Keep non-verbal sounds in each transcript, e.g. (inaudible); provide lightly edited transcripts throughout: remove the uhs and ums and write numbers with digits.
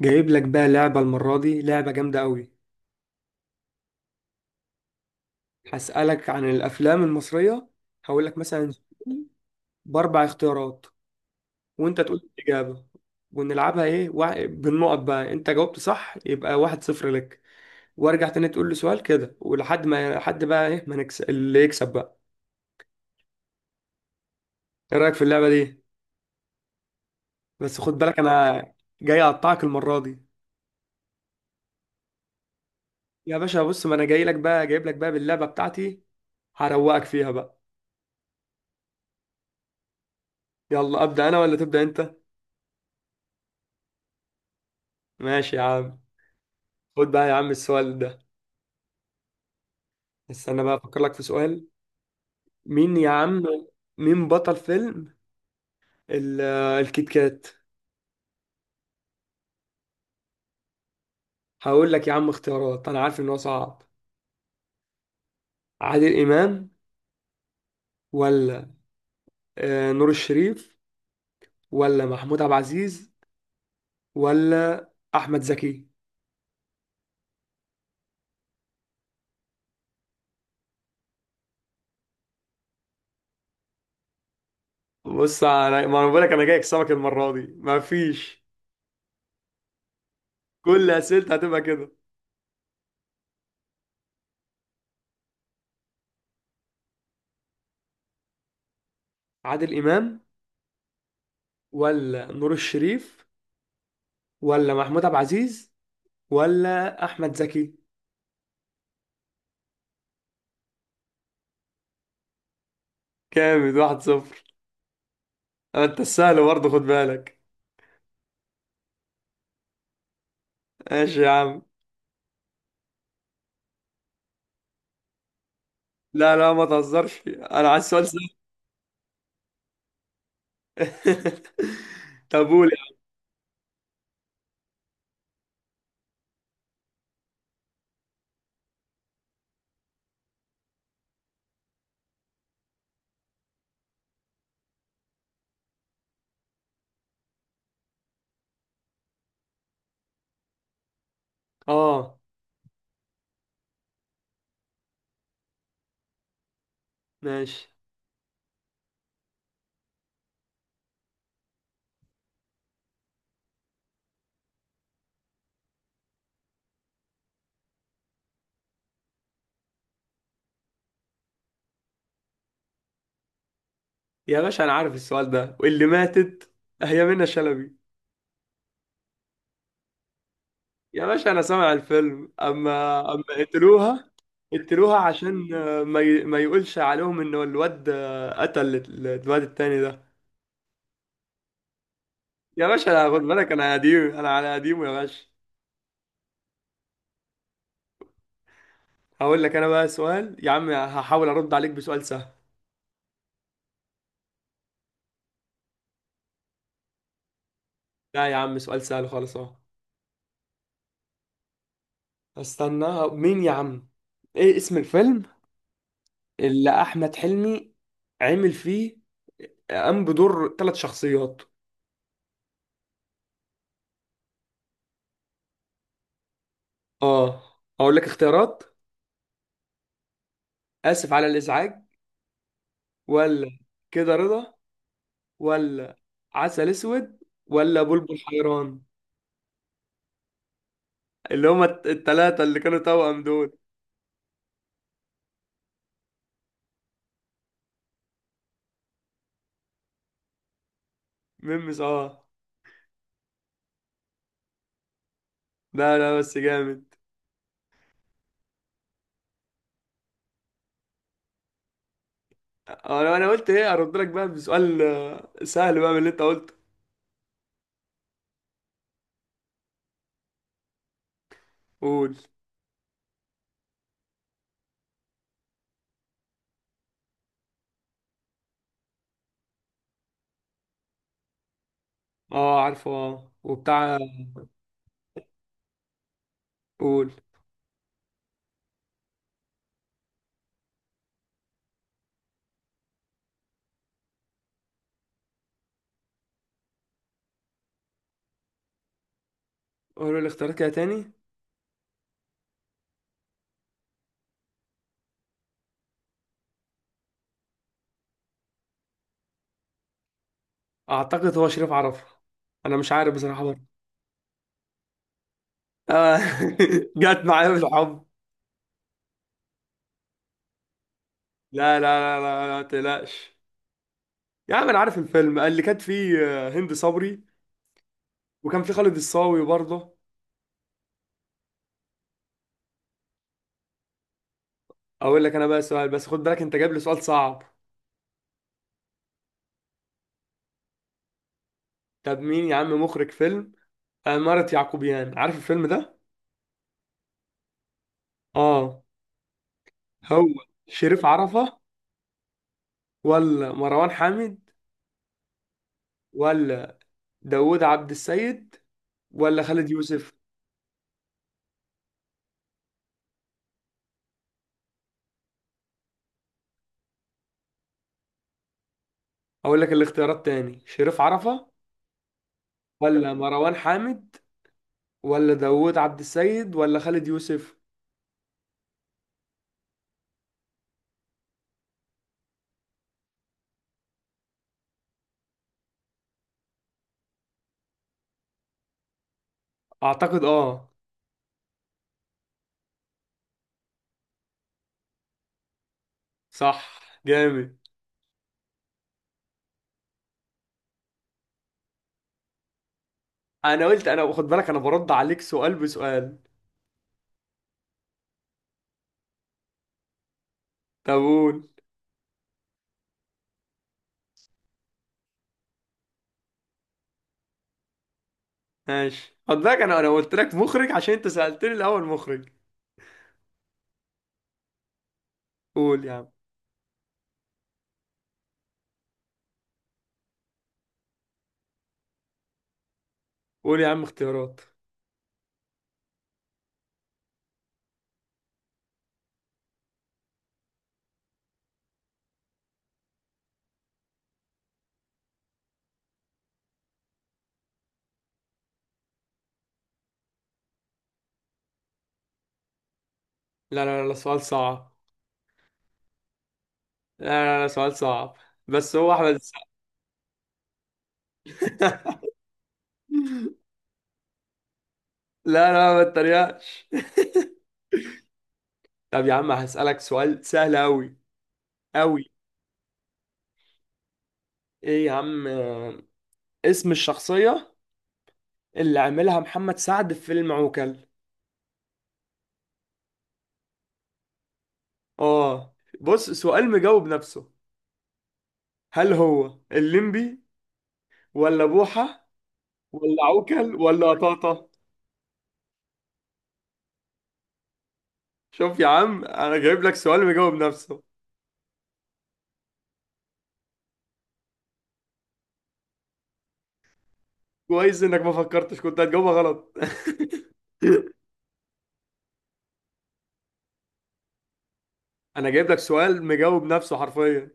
جايب لك بقى لعبة المرة دي لعبة جامدة قوي. هسألك عن الأفلام المصرية. هقول لك مثلا سؤال بأربع اختيارات، وأنت تقول لي الإجابة. ونلعبها إيه بالنقط بقى، أنت جاوبت صح يبقى واحد صفر لك، وأرجع تاني تقول لي سؤال كده ولحد ما حد بقى إيه ما نكسب، اللي يكسب بقى. إيه رأيك في اللعبة دي؟ بس خد بالك أنا جاي أقطعك المرة دي. يا باشا بص، ما أنا جاي لك بقى، جايب لك بقى باللعبة بتاعتي، هروقك فيها بقى. يلا أبدأ أنا ولا تبدأ أنت؟ ماشي يا عم. خد بقى يا عم السؤال ده، استنى بقى افكر لك في سؤال. مين يا عم؟ مين بطل فيلم ال- الكيت كات؟ هقول لك يا عم اختيارات، انا عارف ان هو صعب. عادل امام، ولا نور الشريف، ولا محمود عبد العزيز، ولا احمد زكي؟ بص انا، ما انا بقول لك انا جاي اكسبك المره دي، ما فيش، كل اسئلتي هتبقى كده. عادل امام، ولا نور الشريف، ولا محمود عبد العزيز، ولا احمد زكي. كامل، واحد صفر. انت السهل برضه، خد بالك. ماشي يا عم. لا لا، ما تهزرش، انا عايز سؤال سهل. (laughs) طب قول يا عم. اه. ماشي. يا باشا انا عارف السؤال ده، واللي ماتت هي منى شلبي. يا باشا انا سامع الفيلم، اما قتلوها. قتلوها عشان ما يقولش عليهم ان الواد قتل الواد التاني ده. يا باشا لا، خد بالك، انا قديم، انا على قديمه يا باشا. هقول لك انا بقى سؤال يا عم، هحاول ارد عليك بسؤال سهل. لا يا عم، سؤال سهل خالص اهو. استنى، مين يا عم؟ ايه اسم الفيلم اللي احمد حلمي عامل فيه، قام بدور ثلاث شخصيات؟ اه. اقول لك اختيارات. اسف على الازعاج، ولا كده رضا، ولا عسل اسود، ولا بلبل حيران؟ اللي هما الثلاثه اللي كانوا توأم دول. ميمس، اه. لا لا، بس جامد. انا قلت ايه ارد لك بقى بسؤال سهل بقى من اللي انت قلته. قول. اه عارفه، اه، وبتاع. قول. قولوا لي اختيارات كده تاني. اعتقد هو شريف عرفة، انا مش عارف بصراحة برضه. آه. (laughs) جت معايا بالحب. لا لا لا لا لا، ما تقلقش. يا عم انا عارف الفيلم اللي كانت فيه هند صبري، وكان فيه خالد الصاوي برضه. اقول لك انا بقى سؤال، بس خد بالك انت جايب لي سؤال صعب. طب مين يا عم مخرج فيلم عمارة يعقوبيان؟ عارف الفيلم ده؟ اه. هو شريف عرفة، ولا مروان حامد، ولا داوود عبد السيد، ولا خالد يوسف؟ اقول لك الاختيارات تاني، شريف عرفة، ولا مروان حامد، ولا داوود عبد السيد، ولا خالد يوسف. اعتقد اه. صح، جامد. انا قلت، انا خد بالك، انا برد عليك سؤال بسؤال. طب قول. ماشي خد بالك، انا قلت لك مخرج عشان انت سألتني الاول مخرج. قول يا عم. قول يا عم اختيارات. لا لا لا لا، سؤال صعب. لا لا لا، سؤال صعب، بس هو احمد السقا. (laughs) لا لا، ما تتريقش. طب يا عم هسألك سؤال سهل أوي أوي. ايه يا عم اسم الشخصية اللي عملها محمد سعد في فيلم عوكل؟ اه. بص، سؤال مجاوب نفسه. هل هو الليمبي، ولا بوحة، ولا عوكل، ولا قطاطة؟ شوف يا عم، انا جايب لك سؤال مجاوب نفسه. كويس انك ما فكرتش، كنت هتجاوبها غلط. (laughs) انا جايب لك سؤال مجاوب نفسه حرفيا.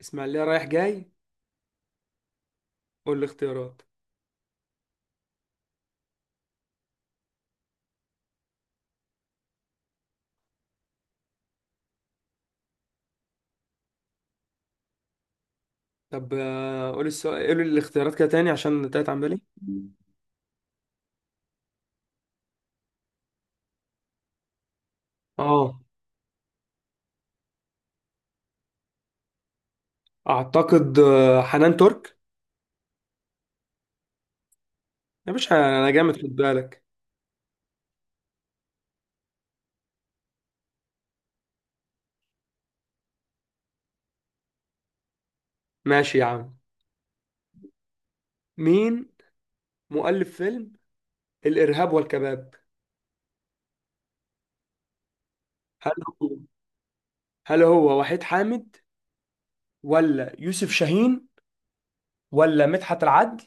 اسماعيلية رايح جاي. قول لي اختيارات. طب قول السؤال، قول الاختيارات كده تاني عشان تتعب بالي. اه. اعتقد حنان ترك. يا باشا انا جامد، خد بالك. ماشي يا عم. مين مؤلف فيلم الارهاب والكباب؟ هل هو هل هو وحيد حامد، ولا يوسف شاهين، ولا مدحت العدل،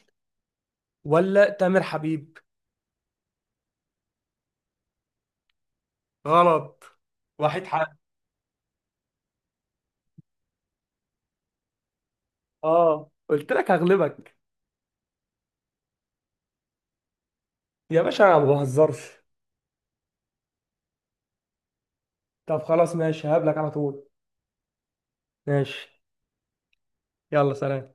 ولا تامر حبيب؟ غلط. وحيد حامد. اه، قلت لك هغلبك. يا باشا انا ما بهزرش. طب خلاص ماشي، هقابلك على طول. ماشي. يلا سلام.